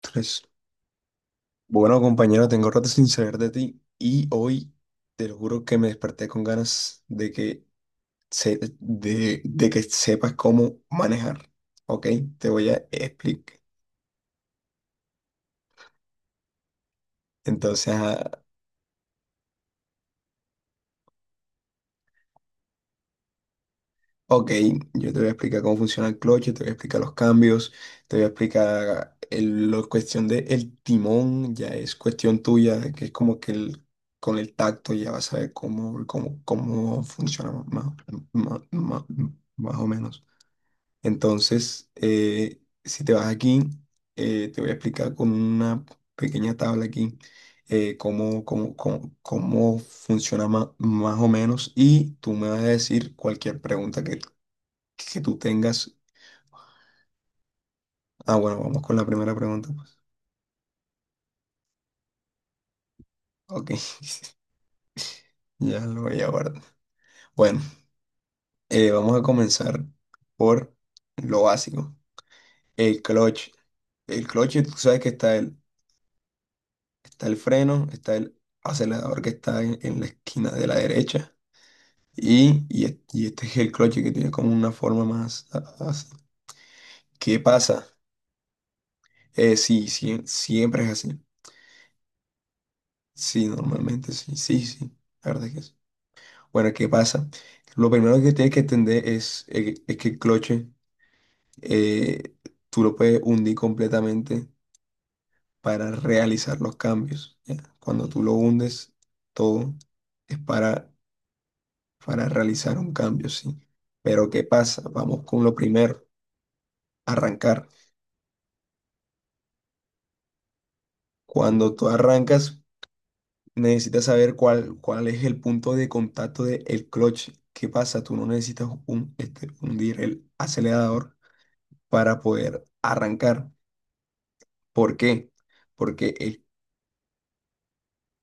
Tres. Bueno, compañero, tengo rato sin saber de ti y hoy te lo juro que me desperté con ganas de que sepas cómo manejar. ¿Ok? Te voy a explicar. Entonces, ok, yo te voy a explicar cómo funciona el clutch, yo te voy a explicar los cambios, te voy a explicar la cuestión del timón, ya es cuestión tuya, de que es como que con el tacto ya vas a ver cómo funciona más, más más- más o menos. Entonces, si te vas aquí, te voy a explicar con una pequeña tabla aquí cómo funciona más, o menos y tú me vas a decir cualquier pregunta que tú tengas. Bueno, vamos con la primera pregunta, pues. Ok, ya lo voy a guardar. Bueno, vamos a comenzar por lo básico. El clutch. El clutch, tú sabes que está él. Está el freno, está el acelerador que está en la esquina de la derecha. Y este es el cloche que tiene como una forma más así. ¿Qué pasa? Sí, sí, siempre es así. Sí, normalmente sí, sí, sí. La verdad es que sí. Bueno, ¿qué pasa? Lo primero que tienes que entender es que el cloche eh, tú lo puedes hundir completamente para realizar los cambios. ¿Ya? Cuando tú lo hundes, todo es para realizar un cambio, sí. Pero ¿qué pasa? Vamos con lo primero, arrancar. Cuando tú arrancas, necesitas saber cuál es el punto de contacto del clutch. ¿Qué pasa? Tú no necesitas hundir el acelerador para poder arrancar. ¿Por qué? Porque es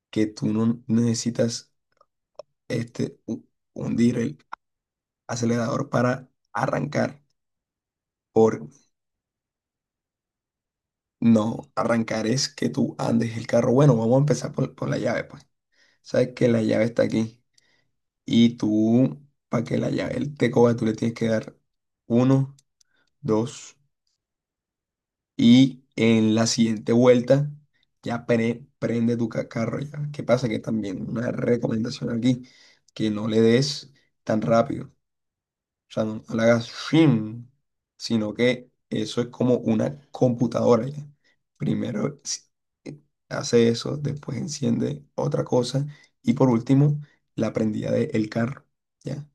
que tú no necesitas este, hu- hundir el acelerador para arrancar. Por no arrancar es que tú andes el carro. Bueno, vamos a empezar por la llave, pues. Sabes que la llave está aquí. Y tú, para que la llave él te coja, tú le tienes que dar uno, dos. Y en la siguiente vuelta ya prende tu carro ya. ¿Qué pasa? Que también una recomendación aquí, que no le des tan rápido. O sea, no, no le hagas shim, sino que eso es como una computadora ya. Primero eh, hace eso, después enciende otra cosa y por último la prendida del carro, ¿ya?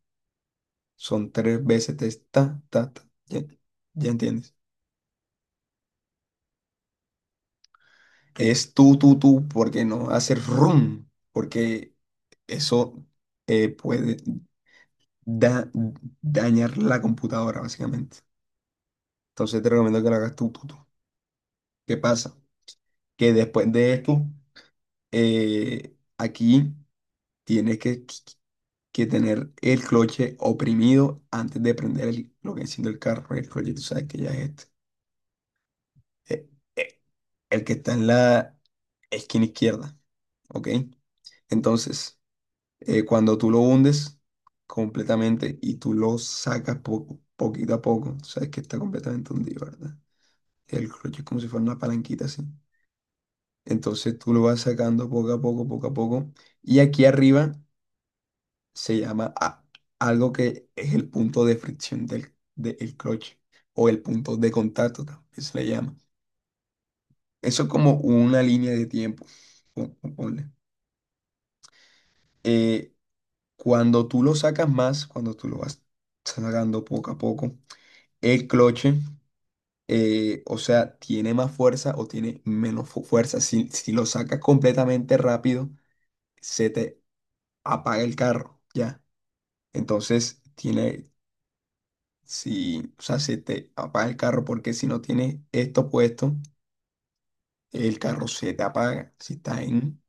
Son tres veces de ta, ta, ta, ¿ya? ¿Ya entiendes? Es tú, tú, tú, porque no hacer rum, porque eso puede da- dañar la computadora, básicamente. Entonces te recomiendo que lo hagas tú, tú, tú. ¿Qué pasa? Que después de esto, aquí tienes que tener el cloche oprimido antes de prender lo que enciende el carro. El cloche, tú sabes que ya es este. eh, eh, el que está en la esquina izquierda, ¿ok? Entonces, cuando tú lo hundes completamente y tú lo sacas poco, poquito a poco, tú sabes que está completamente hundido, ¿verdad? El cloche es como si fuera una palanquita así. Entonces tú lo vas sacando poco a poco, poco a poco. Y aquí arriba se llama algo que es el punto de fricción del clutch o el punto de contacto, también se le llama. Eso es como una línea de tiempo. Ponle. Eh, Cuando tú lo sacas más, cuando tú lo vas sacando poco a poco, el cloche, o sea, tiene más fuerza o tiene menos fuerza. Si lo sacas completamente rápido, se te apaga el carro, ¿ya? Entonces, tiene, si, o sea, se te apaga el carro porque si no tienes esto puesto, el carro se te apaga. Si está en,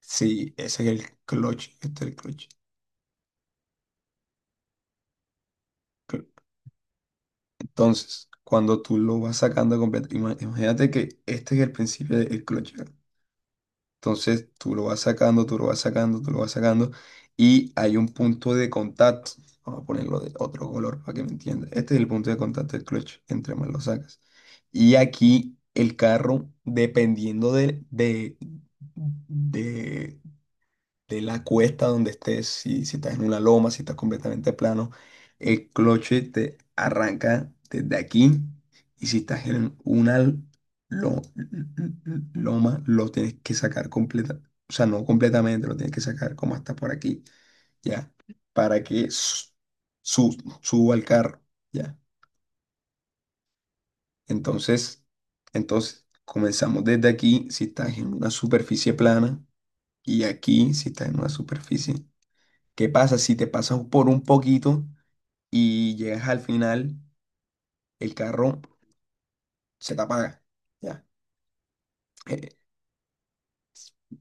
si ese es el clutch, este es el clutch. Cl- Entonces, cuando tú lo vas sacando completo, imagínate que este es el principio del clutch. Entonces tú lo vas sacando, tú lo vas sacando, tú lo vas sacando y hay un punto de contacto. Vamos a ponerlo de otro color para que me entiendas. Este es el punto de contacto del clutch, entre más lo sacas. Y aquí el carro, dependiendo de de la cuesta donde estés, si estás en una loma, si estás completamente plano, el cloche te arranca desde aquí y si estás en una lo- loma, lo tienes que sacar completa, o sea, no completamente, lo tienes que sacar como hasta por aquí, ya, para que su- suba al carro, ya. Entonces, entonces, comenzamos desde aquí, si estás en una superficie plana, y aquí, si estás en una superficie. ¿Qué pasa si te pasas por un poquito y llegas al final, el carro se te apaga? Ya. Eh,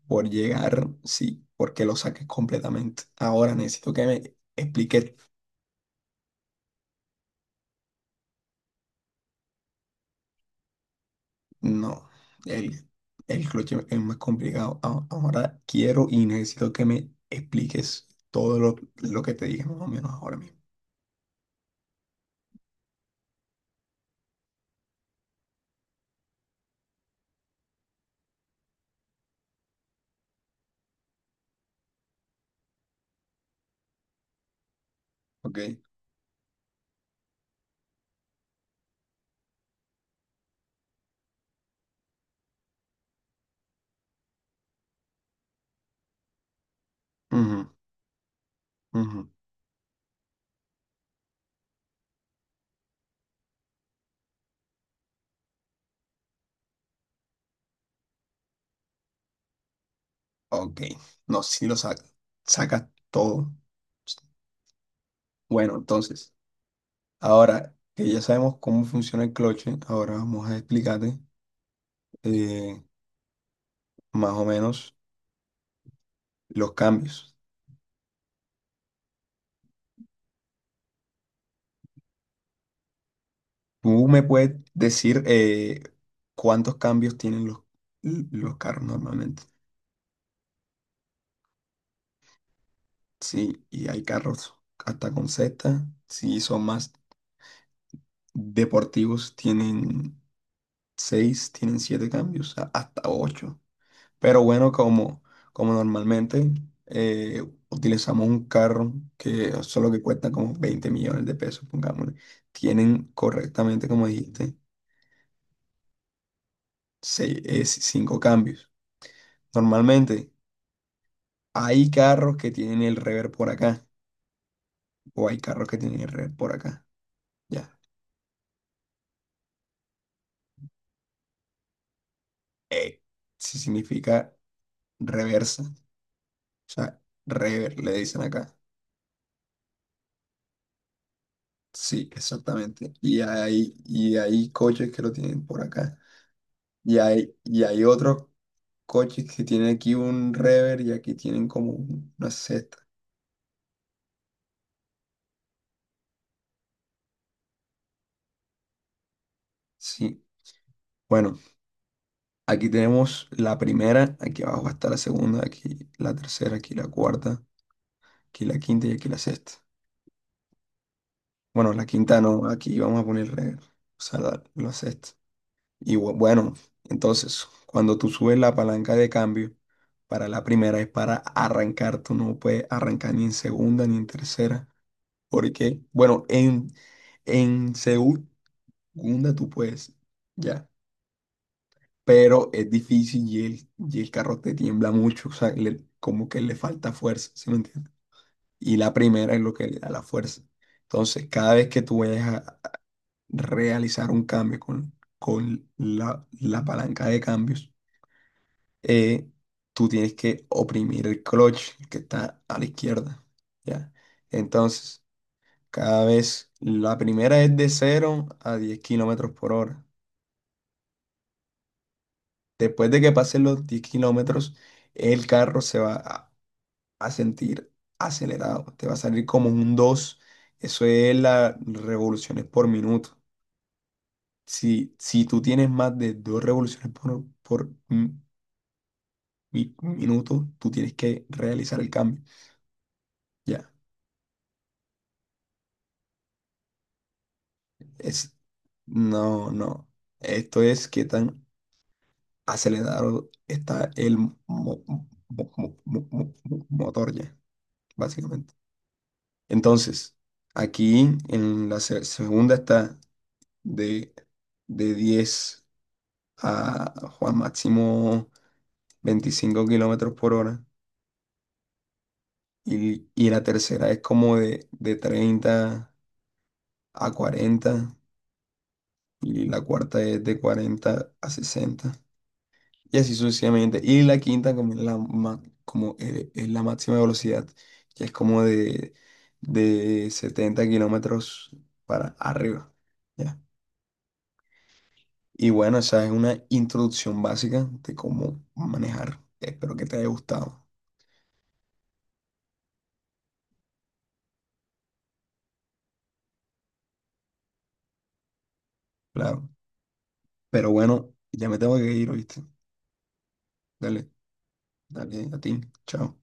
por llegar, sí, porque lo saques completamente. Ahora necesito que me expliques. No, el, el clutch es más complicado. Ahora quiero y necesito que me expliques todo lo que te dije más o menos ahora mismo. ¿Ok? Ujú, ujú. Ok. No, sí lo sacas. Sacas todo. Bueno, entonces. Ahora que ya sabemos cómo funciona el cloche, ahora vamos a explicarte eh, más o menos los cambios. ¿Tú me puedes decir cuántos cambios tienen los carros normalmente? Sí, y hay carros hasta con sexta. Si son más deportivos, tienen seis, tienen siete cambios, hasta ocho. Pero bueno, como normalmente eh, utilizamos un carro que solo que cuesta como 20 millones de pesos, pongámosle, tienen correctamente, como dijiste, seis, cinco cambios. Normalmente hay carros que tienen el rever por acá o hay carros que tienen el rever por acá. Ya. Eh, sí significa reversa. O sea, rever le dicen acá. Sí, exactamente. Y hay coches que lo tienen por acá. Y hay otros coches que tienen aquí un rever y aquí tienen como una seta. Sí. Bueno, aquí tenemos la primera, aquí abajo está la segunda, aquí la tercera, aquí la cuarta, aquí la quinta y aquí la sexta. Bueno, la quinta no, aquí vamos a poner rever, o sea, la sexta. Y bueno, entonces, cuando tú subes la palanca de cambio, para la primera es para arrancar, tú no puedes arrancar ni en segunda ni en tercera, porque, bueno, en segunda Gunda, tú puedes, ya. Pero es difícil y el carro te tiembla mucho, o sea, como que le falta fuerza, ¿sí me entiendes? Y la primera es lo que le da la fuerza. Entonces, cada vez que tú vayas a realizar un cambio con la palanca de cambios, eh, tú tienes que oprimir el clutch el que está a la izquierda, ¿ya? Entonces, cada vez, la primera es de 0 a 10 kilómetros por hora. Después de que pasen los 10 kilómetros, el carro se va a sentir acelerado. Te va a salir como un 2. Eso es las revoluciones por minuto. Si tú tienes más de 2 revoluciones por minuto, tú tienes que realizar el cambio. Ya. Es, no, no. Esto es qué tan acelerado está el motor ya, básicamente. Entonces, aquí en la segunda está de, de 10 a Juan máximo 25 kilómetros por hora. Y la tercera es como de 30 a 40. Y la cuarta es de 40 a 60. Y así sucesivamente. Y la quinta como es la máxima velocidad, que es como de 70 kilómetros para arriba, ¿ya? Y bueno, esa es una introducción básica de cómo manejar. Espero que te haya gustado, claro. Pero bueno, ya me tengo que ir, ¿oíste? Dale, dale a ti. Chao.